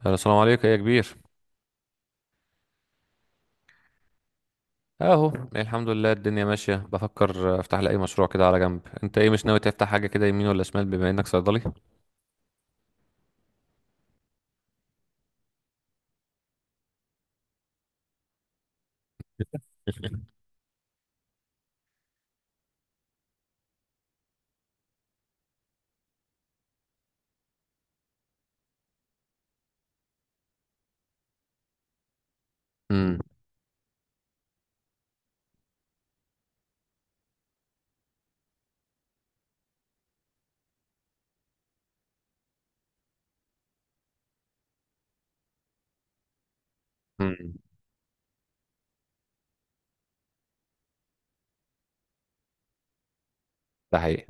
هلا، السلام عليكم، ايه يا كبير؟ اهو الحمد لله، الدنيا ماشيه. بفكر افتح لي اي مشروع كده على جنب. انت ايه، مش ناوي تفتح حاجه كده يمين ولا شمال بما انك صيدلي؟ امم. امم. ده حقيقي.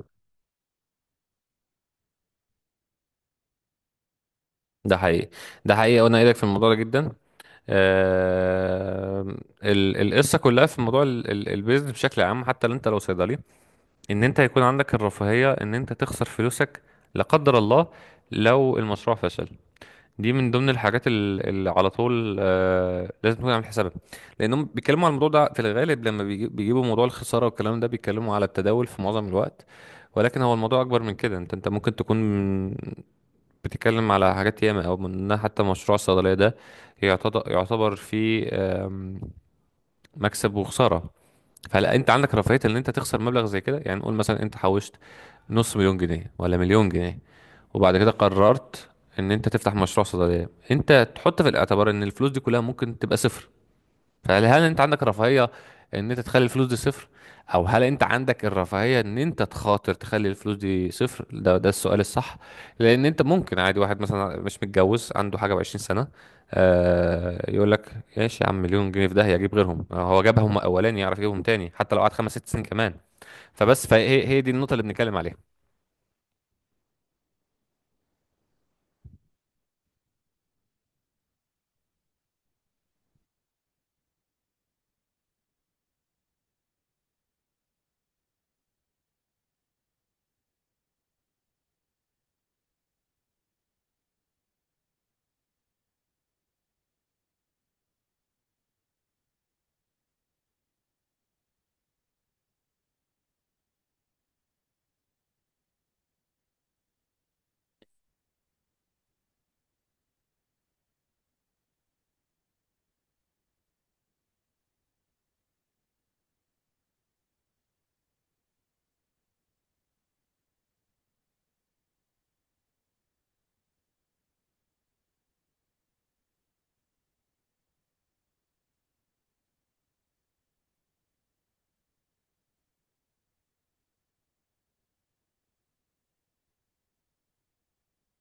ده حقيقي. ده حقيقي وانا ايدك في الموضوع ده جدا. آه. القصه كلها في موضوع البيزنس بشكل عام، حتى لو لو صيدلي، ان انت يكون عندك الرفاهيه ان انت تخسر فلوسك، لا قدر الله، لو المشروع فشل. دي من ضمن الحاجات اللي على طول لازم تكون عامل حسابها، لانهم بيتكلموا على الموضوع ده في الغالب، لما بيجيبوا موضوع الخساره والكلام ده بيتكلموا على التداول في معظم الوقت. ولكن هو الموضوع اكبر من كده. انت ممكن تكون بتتكلم على حاجات ياما، او منها حتى مشروع الصيدليه ده يعتبر فيه مكسب وخساره. فهل انت عندك رفاهيه ان انت تخسر مبلغ زي كده؟ يعني نقول مثلا انت حوشت نص مليون جنيه ولا مليون جنيه، وبعد كده قررت ان انت تفتح مشروع صيدليه، انت تحط في الاعتبار ان الفلوس دي كلها ممكن تبقى صفر. فهل انت عندك رفاهية ان انت تخلي الفلوس دي صفر؟ او هل انت عندك الرفاهية ان انت تخاطر تخلي الفلوس دي صفر؟ ده السؤال الصح. لان انت ممكن عادي، واحد مثلا مش متجوز، عنده حاجة وعشرين سنة، يقول لك ايش يا عم، مليون جنيه في ده هيجيب غيرهم. هو جابهم اولاني يعرف يجيبهم تاني، حتى لو قعد خمس ست سنين كمان. فبس فهي دي النقطة اللي بنتكلم عليها.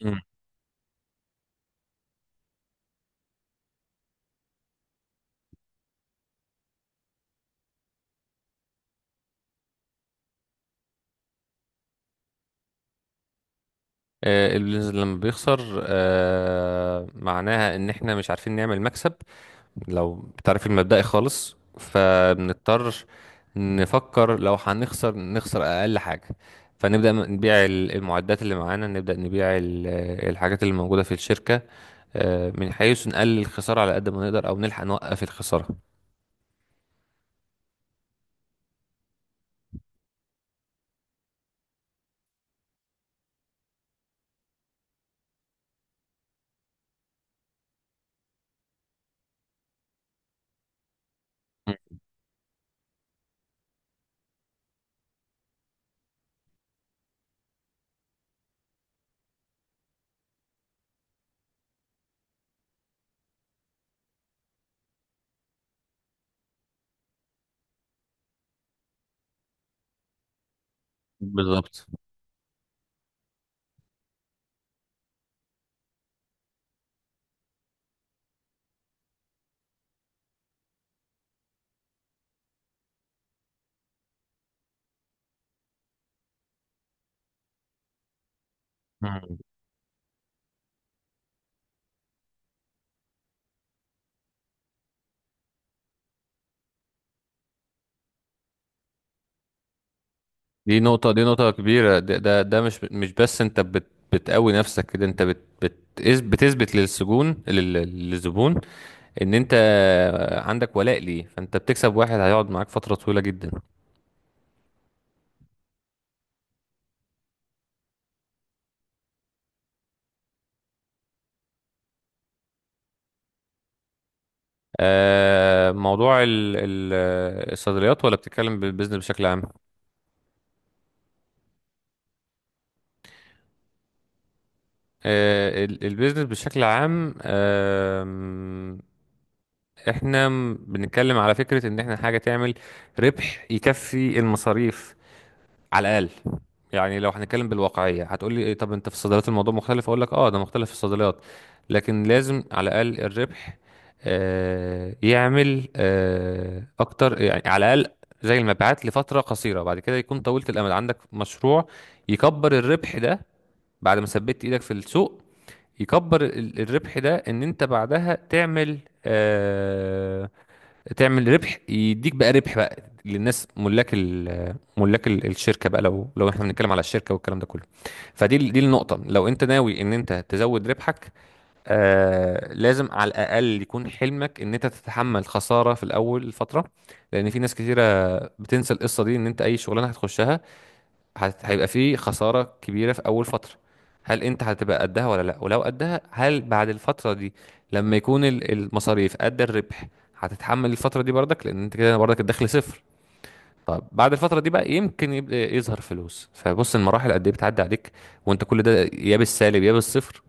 مم. اللي لما بيخسر معناها ان احنا مش عارفين نعمل مكسب، لو بتعرف المبدئي خالص، فبنضطر نفكر لو هنخسر نخسر أقل حاجة. فنبدأ نبيع المعدات اللي معانا، نبدأ نبيع الحاجات اللي موجودة في الشركة. من حيث نقلل الخسارة على قد ما نقدر، أو نلحق نوقف الخسارة. مم. بالظبط. مم. دي نقطة كبيرة. ده مش بس أنت بتقوي نفسك كده. أنت بت بت بتثبت للسجون للزبون ان انت عندك ولاء ليه، فانت بتكسب واحد هيقعد معاك فترة طويلة جدا. موضوع الصيدليات ولا بتتكلم بالبيزنس بشكل عام؟ البيزنس بشكل عام. احنا بنتكلم على فكرة ان احنا حاجة تعمل ربح يكفي المصاريف على الاقل. يعني لو هنتكلم بالواقعيه هتقول لي إيه؟ طب انت في الصيدليات الموضوع مختلف؟ اقول لك اه، ده مختلف في الصيدليات، لكن لازم على الاقل الربح يعمل اكتر. يعني على الاقل زي المبيعات لفتره قصيره، بعد كده يكون طويله الامد. عندك مشروع يكبر الربح ده بعد ما ثبت ايدك في السوق. يكبر الربح ده ان انت بعدها آه، تعمل ربح يديك بقى ربح بقى للناس، ملاك ملاك الشركه بقى، لو احنا بنتكلم على الشركه والكلام ده كله. فدي دي النقطه، لو انت ناوي ان انت تزود ربحك. لازم على الاقل يكون حلمك ان انت تتحمل خساره في الاول فتره، لان في ناس كتيره بتنسى القصه دي، ان انت اي شغلانه هتخشها هيبقى في خسارة كبيرة في أول فترة. هل أنت هتبقى قدها ولا لأ؟ ولو قدها، هل بعد الفترة دي لما يكون المصاريف قد الربح هتتحمل الفترة دي برضك؟ لأن أنت كده برضك الدخل صفر. طب بعد الفترة دي بقى يمكن يبدأ يظهر فلوس، فبص، المراحل قد إيه بتعدي عليك، وأنت كل ده يا بالسالب يا بالصفر.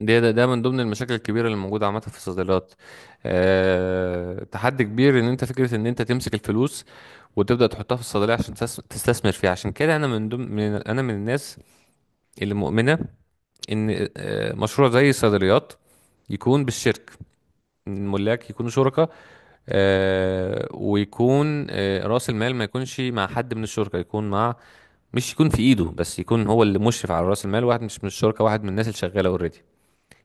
ده من ضمن المشاكل الكبيره اللي موجوده عامه في الصيدليات. تحدي كبير ان انت، فكره ان انت تمسك الفلوس وتبدا تحطها في الصيدليه عشان تستثمر فيها. عشان كده انا من الناس اللي مؤمنه ان مشروع زي الصيدليات يكون بالشرك، إن الملاك يكونوا شركاء. ويكون رأس المال ما يكونش مع حد من الشركاء، يكون مع، مش يكون في ايده بس، يكون هو اللي مشرف على رأس المال، واحد مش من الشركاء، واحد من الناس اللي شغالة اوريدي،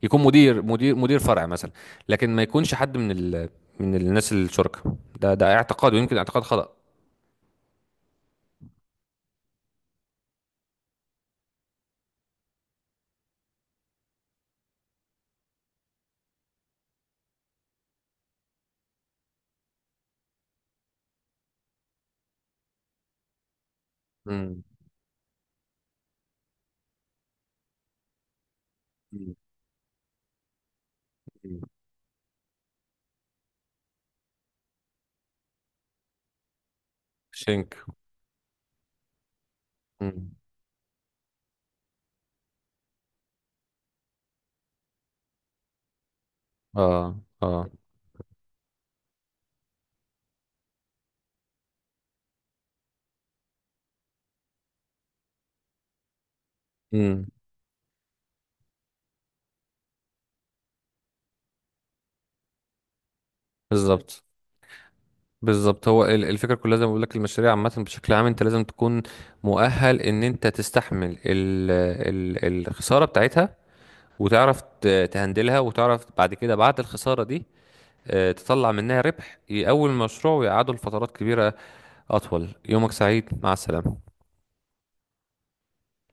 يكون مدير فرع مثلا. لكن ما يكونش حد من من الناس الشركاء. ده اعتقاد، ويمكن اعتقاد خطأ. مم. مم. مم. شينك. مم. اه، اه. مم. بالظبط. بالظبط، هو الفكره كلها زي ما بقول لك. المشاريع عامه بشكل عام انت لازم تكون مؤهل ان انت تستحمل الخساره بتاعتها، وتعرف تهندلها، وتعرف بعد كده، بعد الخساره دي، تطلع منها ربح يقوي المشروع ويقعده لفترات كبيره. أطول. يومك سعيد، مع السلامة.